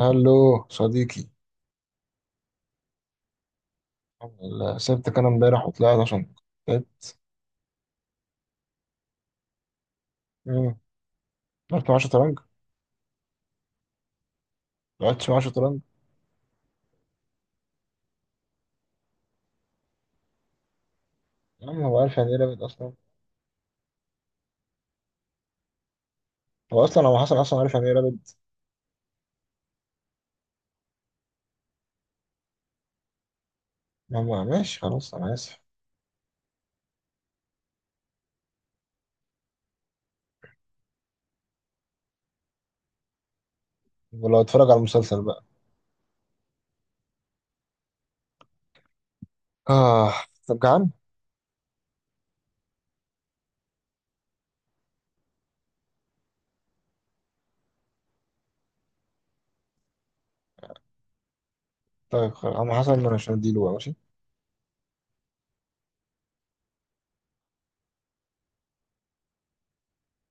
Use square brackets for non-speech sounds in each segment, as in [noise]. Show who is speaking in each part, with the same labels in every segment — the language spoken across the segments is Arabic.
Speaker 1: الو صديقي. الحمد لله، سبتك انا امبارح وطلعت عشان تعبت. امم رحت مع شطرنج، لعبت مع شطرنج. يا عم، هو عارف يعني ايه رابد اصلا؟ هو حسن اصلا عارف يعني ايه رابد؟ ما هو ماشي، خلاص انا اسف. ولو اتفرج على المسلسل بقى. اه. طب جعان؟ طيب خلاص، عم حسن انا مش هديله بقى، ماشي.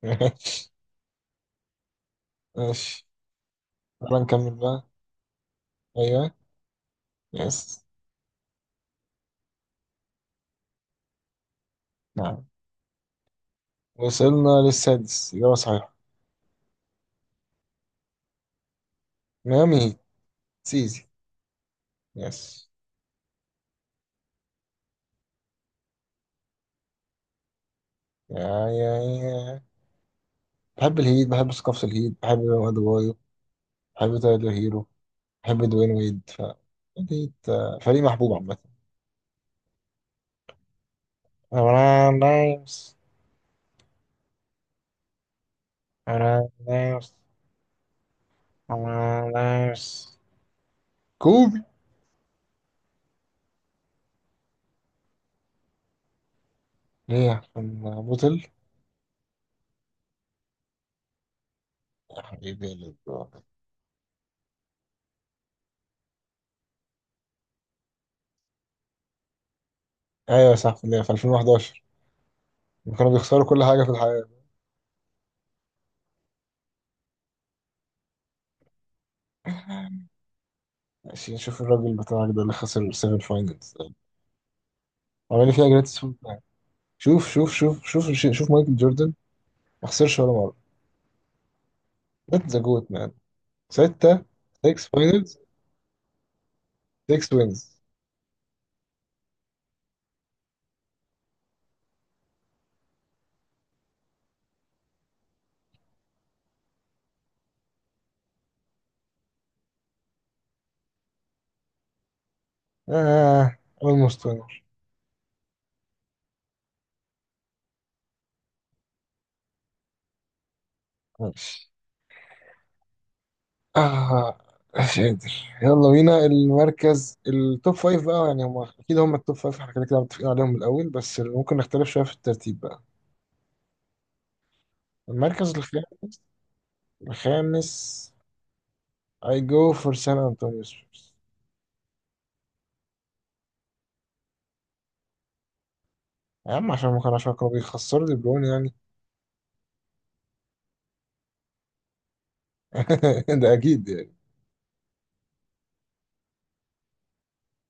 Speaker 1: [laughs] ماشي. تعالى نكمل بقى. ايوه. يس. نعم، وصلنا للسادس، اجابه صحيحه. ميامي هيت. سيزي. يس. يا، يا، يا. بحب الهيد، بحب ثقافة الهيد، بحب أدوايو، بحب تايلر هيرو، بحب دوين ويد، ف الهيد آه، فريق محبوب عامة. أمران نايمس. أمران نايمس. أمران نايمس. كوبي. ليه؟ عشان بوتل. يا حبيبي، يا للدرجة. أيوة صح، في 2011 كانوا بيخسروا كل حاجة في الحياة. ماشي، نشوف الراجل بتاعك ده اللي خسر 7 فاينلز، عمال فيها جريتس. شوف شوف شوف شوف، شوف مايكل جوردن، ما خسرش ولا مرة. ده ذا جوت. ستة. 6 فاينلز، 6 وينز. آه، almost winner. ماشي. آه، مش قادر. يلا بينا المركز التوب فايف بقى. يعني هم أكيد هم التوب فايف، احنا كده كده متفقين عليهم من الأول، بس ممكن نختلف شوية في الترتيب بقى. المركز الخامس. الخامس. I go for San Antonio Spurs. يا عم، عشان كانوا بيخسروا دي بروين يعني. [laughs] ده أكيد يعني.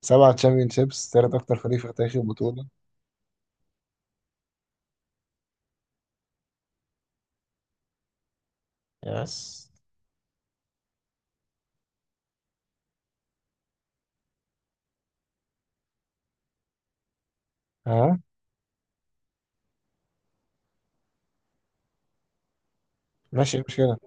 Speaker 1: 7 تشامبيون شيبس، تالت أكتر فريق في تاريخ البطولة. يس. ها. ماشي مش كده.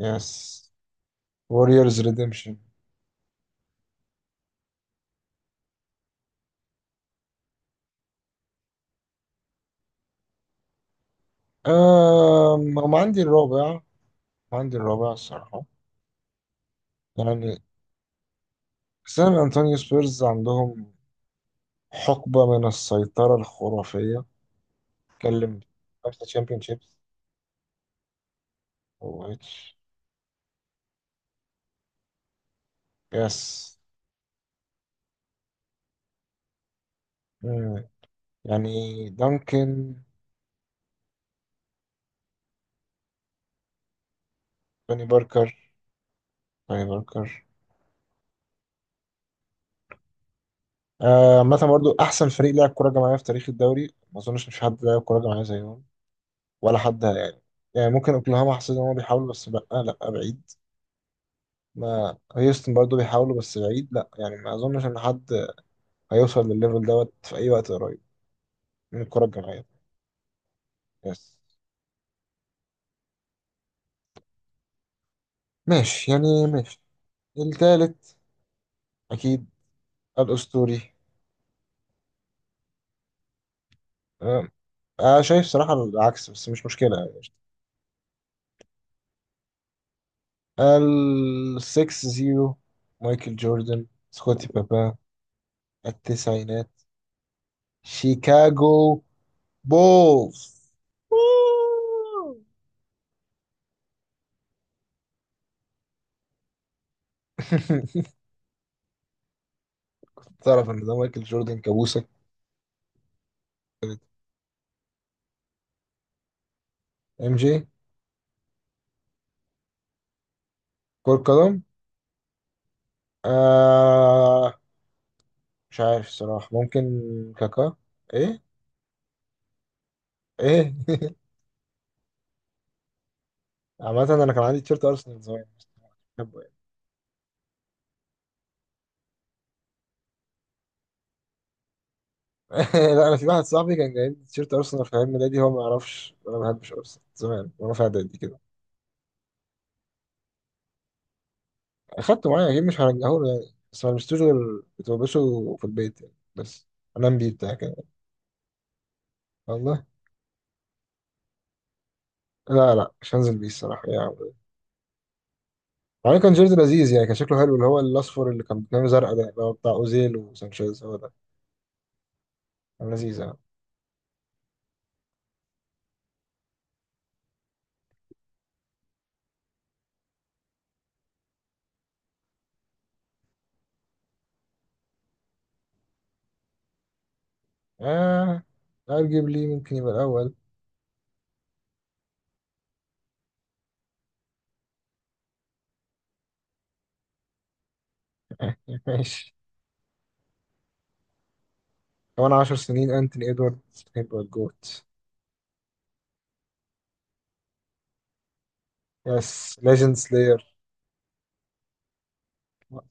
Speaker 1: يس. ووريرز ريديمشن. أم هم عندي الرابع الصراحة. يعني سان أنطونيو سبيرز عندهم حقبة من السيطرة الخرافية. اتكلم. 5 تشامبيون شيبس. واتش. يس. مم. يعني دانكن. توني باركر، توني باركر. آه، عامة برضو أحسن فريق لعب كرة جماعية في تاريخ الدوري، ما أظنش إن في حد لعب كرة جماعية زيهم ولا حد يعني. يعني ممكن أوكلاهاما، حسيت إن هم بيحاولوا، بس لأ لأ بعيد. ما هيوستن برضه بيحاولوا، بس بعيد، لا يعني، ما اظنش ان حد هيوصل للليفل دوت في اي وقت قريب من الكرة الجماعية. يس. ماشي يعني، ماشي. التالت. اكيد، الاسطوري. أه، انا شايف صراحة العكس، بس مش مشكلة يعني. السكس زيرو. مايكل جوردن، سكوتي بابا. التسعينات. شيكاغو بولز. [laughs] تعرف ان ده مايكل جوردن كابوسك؟ ام جي. كرة قدم. آه، مش عارف الصراحة، ممكن. كاكا. ايه؟ ايه؟ [laughs] عامة انا كان عندي تيشيرت ارسنال زمان، بس مش بحبه يعني. [laughs] لا، انا في واحد صاحبي كان جايب لي تيشيرت ارسنال في عيد ميلادي، هو ما يعرفش انا ما بحبش ارسنال زمان، وانا في اعدادي كده. اخدته معايا اكيد، مش هرجعه له يعني، بس ما لبستوش، غير كنت بلبسه في البيت يعني، بس انام بيه بتاع كده. والله. لا لا، مش هنزل بيه الصراحة يعني. عليه كان جيرد لذيذ يعني، كان شكله حلو، اللي هو الاصفر اللي كان بتنام زرقاء، ده اللي هو بتاع اوزيل وسانشيز، هو ده كان لذيذ يعني. آه، أرجبلي ممكن يبقى الأول. [laughs] ماشي. كمان 10 سنين أنتوني إدواردز هيبقى الجوت. يس، ليجند سلاير.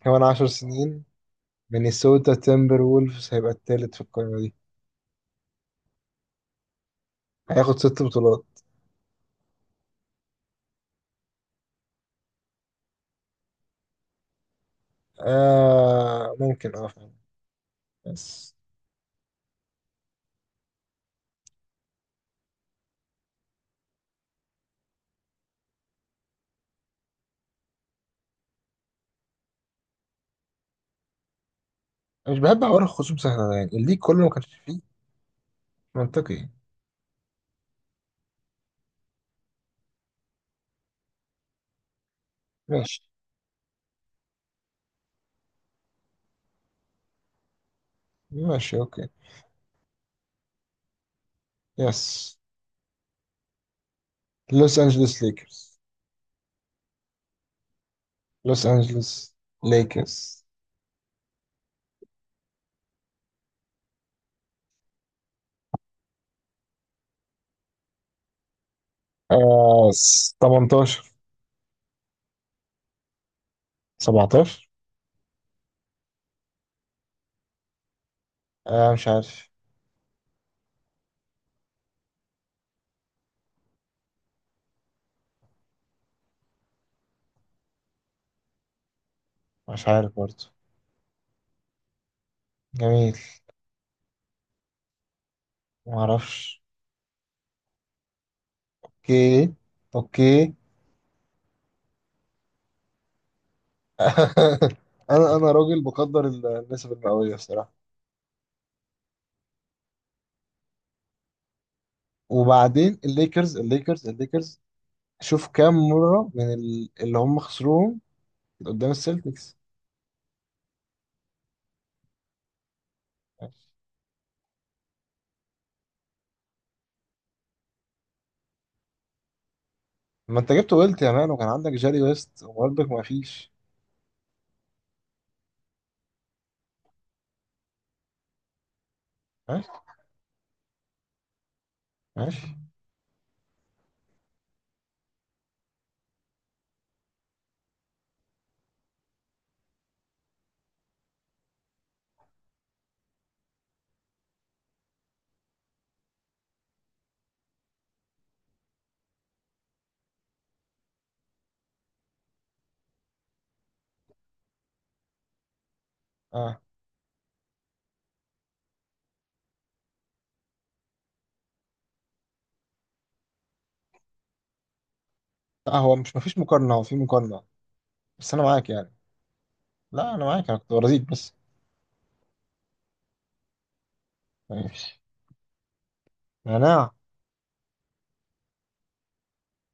Speaker 1: كمان 10 سنين مينيسوتا تيمبر وولفز هيبقى التالت في القائمة دي، هياخد 6 بطولات. آه ممكن، اه فعلا. بس مش بحب حوار الخصوم سهلة ده، يعني الليج كله ما كانش فيه. منطقي. ماشي. ماشي اوكي. يس. لوس انجلوس ليكرز. لوس انجلوس ليكرز. آه، 18. 17. آه، مش عارف. مش عارف برضه. جميل. معرفش. اوكي. اوكي. [laughs] انا راجل بقدر النسب المئويه الصراحه. وبعدين الليكرز الليكرز الليكرز، شوف كام مره من اللي هم خسروهم قدام السلتكس. ما انت جبت ويلت يا مان، وكان عندك جاري ويست وبرضك ما فيش. ماشي. ماشي. اه. لا هو مش ما فيش مقارنه، هو في مقارنه. بس انا معاك يعني. لا انا معاك، انا كنت برازيل بس. ماشي. انا